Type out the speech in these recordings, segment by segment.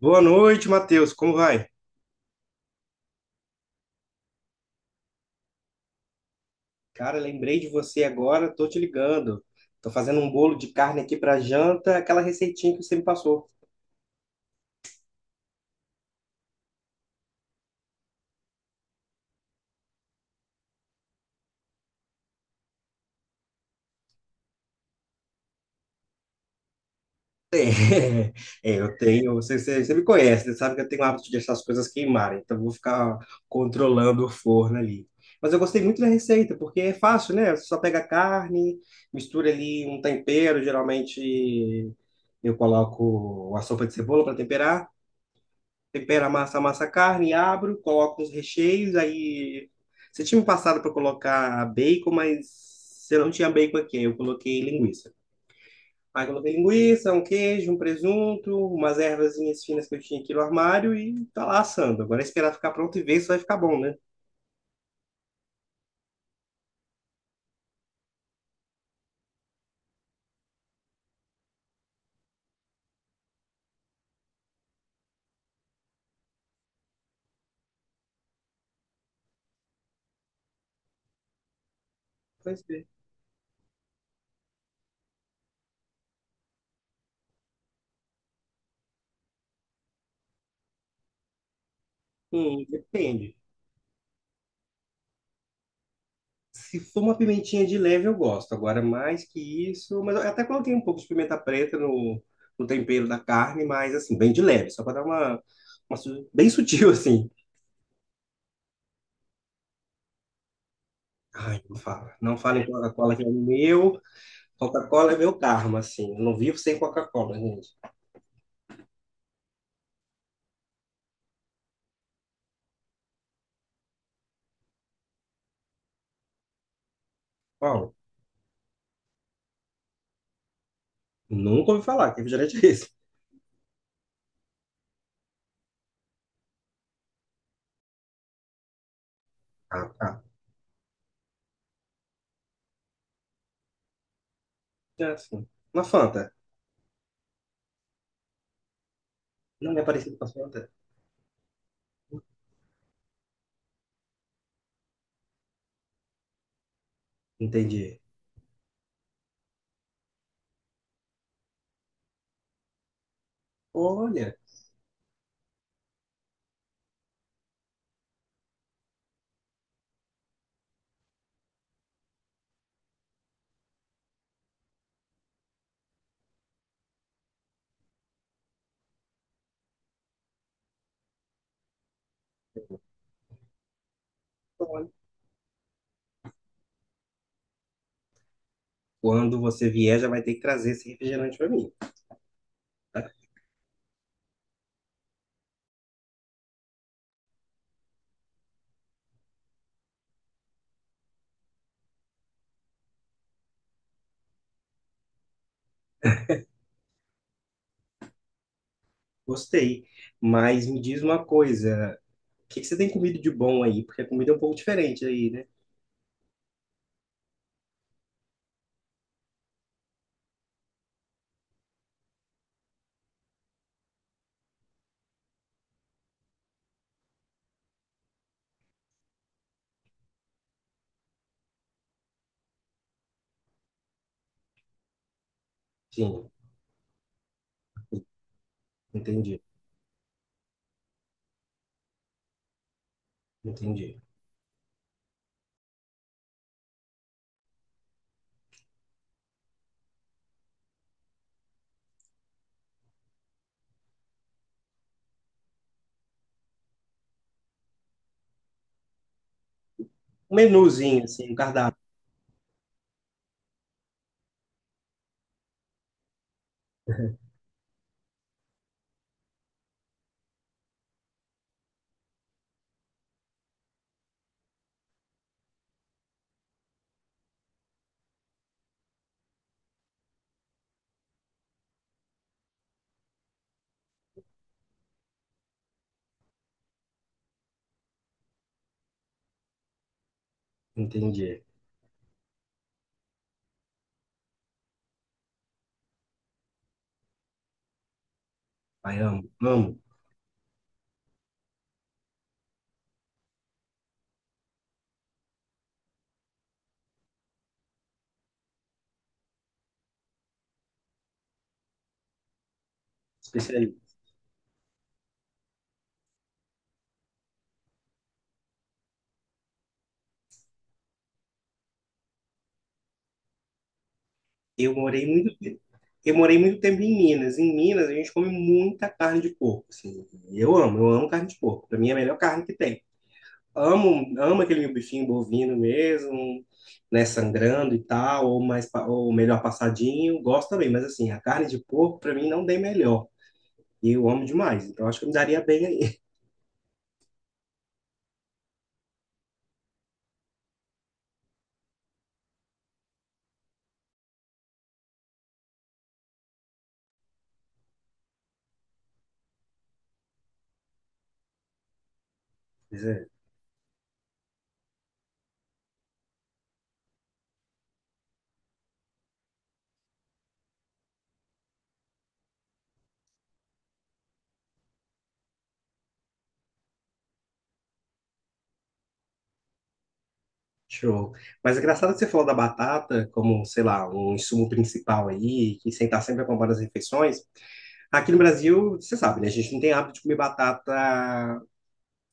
Boa noite, Matheus. Como vai? Cara, lembrei de você agora, tô te ligando. Tô fazendo um bolo de carne aqui para janta, aquela receitinha que você me passou. É, é, eu tenho. Você me conhece, você sabe que eu tenho o hábito de deixar as coisas queimarem, então eu vou ficar controlando o forno ali. Mas eu gostei muito da receita, porque é fácil, né? Você só pega a carne, mistura ali um tempero, geralmente eu coloco a sopa de cebola para temperar. Tempero a massa, amassa a carne, abro, coloco os recheios, aí... Você tinha me passado para colocar bacon, mas eu não tinha bacon aqui, eu coloquei linguiça. Aí coloquei linguiça, um queijo, um presunto, umas ervazinhas finas que eu tinha aqui no armário e tá lá assando. Agora é esperar ficar pronto e ver se vai ficar bom, né? Vai ser. Depende. Se for uma pimentinha de leve, eu gosto. Agora, mais que isso. Mas eu até coloquei um pouco de pimenta preta no tempero da carne, mas assim, bem de leve, só para dar uma, bem sutil, assim. Ai, não fala. Não fala em Coca-Cola, que é meu. Coca-Cola é meu karma, assim. Eu não vivo sem Coca-Cola, gente. Paulo, nunca ouvi falar que é refrigerante é esse. Ah, tá. É assim. Uma Fanta. Não é parecido com a Fanta. Entendi. Olha, olha. Quando você vier, já vai ter que trazer esse refrigerante para mim. Gostei. Mas me diz uma coisa, o que que você tem comido de bom aí? Porque a comida é um pouco diferente aí, né? Sim, entendi, entendi. Um menuzinho, assim, um cardápio. Entendi. Ai, amo, amo. Especialista. Eu morei muito, te- eu morei muito tempo em Minas. Em Minas, a gente come muita carne de porco, assim. Eu amo carne de porco. Pra mim é a melhor carne que tem. Amo, amo aquele bifinho bovino mesmo, né, sangrando e tal, ou melhor passadinho, gosto também, mas assim, a carne de porco para mim não tem melhor. E eu amo demais, então acho que eu me daria bem aí. Mas é, show. Mas é engraçado que você falou da batata como, sei lá, um insumo principal aí, que sentar estar sempre acompanhando as refeições. Aqui no Brasil, você sabe, né, a gente não tem hábito de comer batata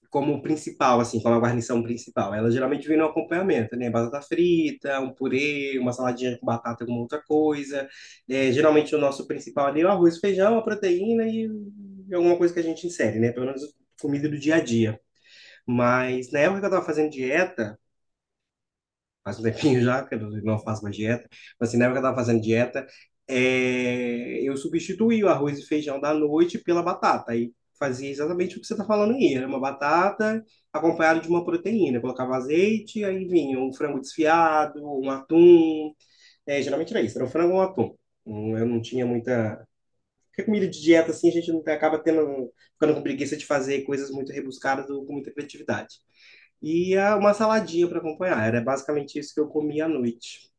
como principal, assim, como a guarnição principal. Ela geralmente vem no acompanhamento, né? Batata frita, um purê, uma saladinha com batata, alguma outra coisa. É, geralmente o nosso principal ali é o arroz, feijão, a proteína e alguma coisa que a gente insere, né? Pelo menos comida do dia a dia. Mas na época que eu estava fazendo dieta, faz um tempinho já que eu não faço mais dieta, mas assim, na época que eu estava fazendo dieta, eu substituí o arroz e feijão da noite pela batata, e fazia exatamente o que você está falando aí, era uma batata acompanhada de uma proteína, colocava azeite, aí vinha um frango desfiado, um atum, é, geralmente era isso, era um frango ou um atum. Eu não tinha muita... Porque comida de dieta, assim, a gente não acaba tendo, ficando com preguiça de fazer coisas muito rebuscadas ou com muita criatividade. E ah, uma saladinha para acompanhar. Era basicamente isso que eu comia à noite.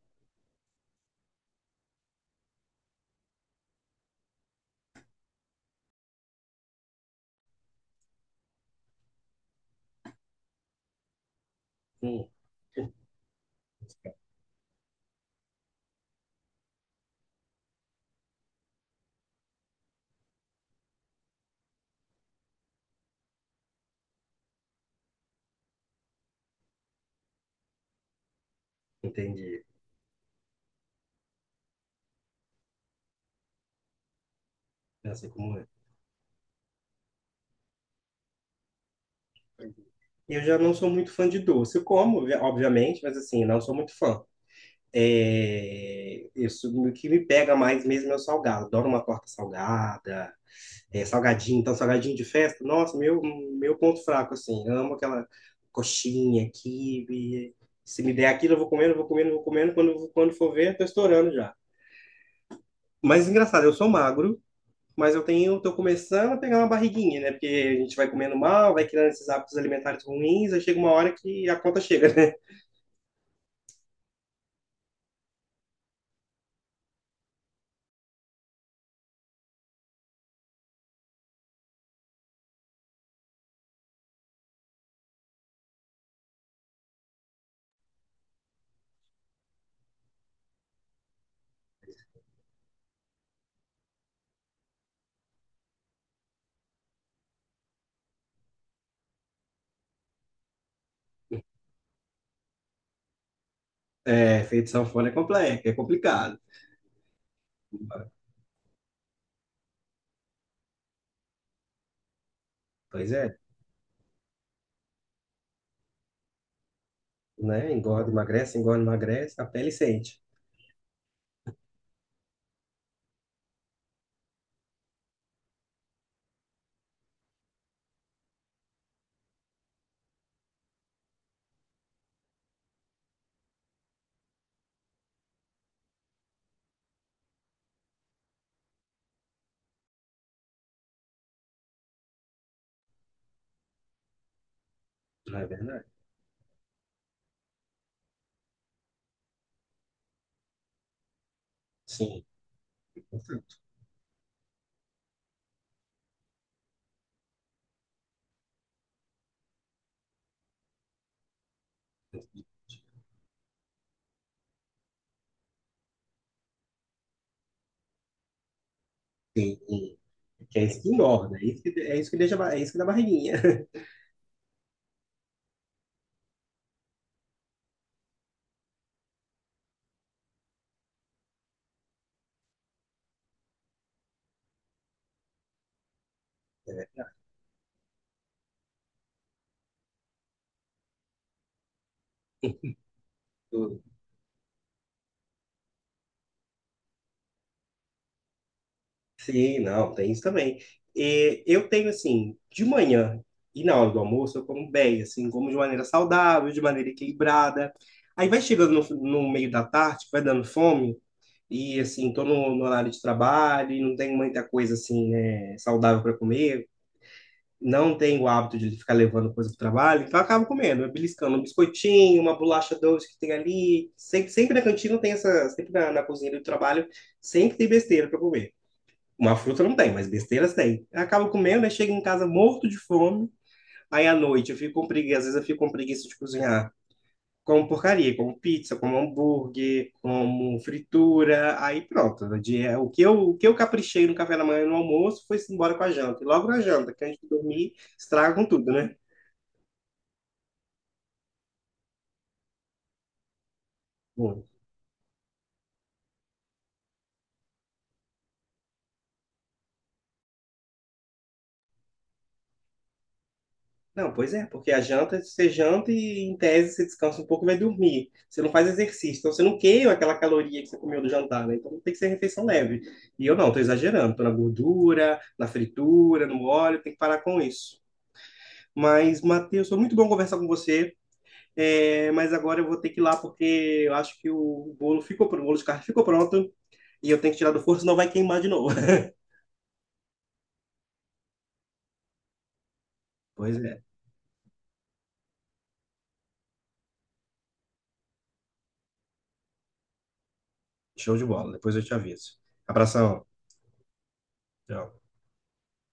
Hum, entendi. Já sei como é. Eu já não sou muito fã de doce. Eu como, obviamente, mas assim, não sou muito fã. É, isso, o que me pega mais mesmo é o salgado. Adoro uma torta salgada, é, salgadinho, então salgadinho de festa. Nossa, meu ponto fraco, assim. Amo aquela coxinha, quibe. Se me der aquilo, eu vou comendo, eu vou comendo, eu vou comendo. Quando for ver, eu tô estourando já. Mas engraçado, eu sou magro. Mas eu tenho, tô começando a pegar uma barriguinha, né? Porque a gente vai comendo mal, vai criando esses hábitos alimentares ruins, aí chega uma hora que a conta chega, né? É, feito sanfona é complexo, é complicado. Pois é, né? Engorda, emagrece, a pele sente, não é verdade? Sim. Sim. Que é isso que engorda, é isso que deixa, é isso que dá barriguinha. É verdade. Sim, não, tem isso também. E eu tenho, assim, de manhã e na hora do almoço, eu como bem, assim, como de maneira saudável, de maneira equilibrada. Aí vai chegando no meio da tarde, vai dando fome, e, assim, tô no horário de trabalho, e não tenho muita coisa, assim, né, saudável para comer, não tenho o hábito de ficar levando coisa para o trabalho, então eu acabo comendo, beliscando um biscoitinho, uma bolacha doce que tem ali. Sempre na cantina tem essa, sempre na cozinha do trabalho, sempre tem besteira para comer. Uma fruta não tem, mas besteiras tem. Eu acabo comendo, aí chego em casa morto de fome. Aí à noite eu fico com preguiça, às vezes eu fico com preguiça de cozinhar. Como porcaria, como pizza, como hambúrguer, como fritura. Aí pronto. O que eu caprichei no café da manhã e no almoço foi embora com a janta. E logo na janta, que antes de dormir, estraga com tudo, né? Não, pois é, porque a janta, você janta e em tese você descansa um pouco e vai dormir. Você não faz exercício, então você não queima aquela caloria que você comeu do jantar, né? Então tem que ser refeição leve. E eu não, tô exagerando, tô na gordura, na fritura, no óleo, tem que parar com isso. Mas, Matheus, foi muito bom conversar com você, é, mas agora eu vou ter que ir lá porque eu acho que o bolo ficou pronto, o bolo de carne ficou pronto e eu tenho que tirar do forno, senão vai queimar de novo. Pois é, show de bola, depois eu te aviso. Abração, tchau.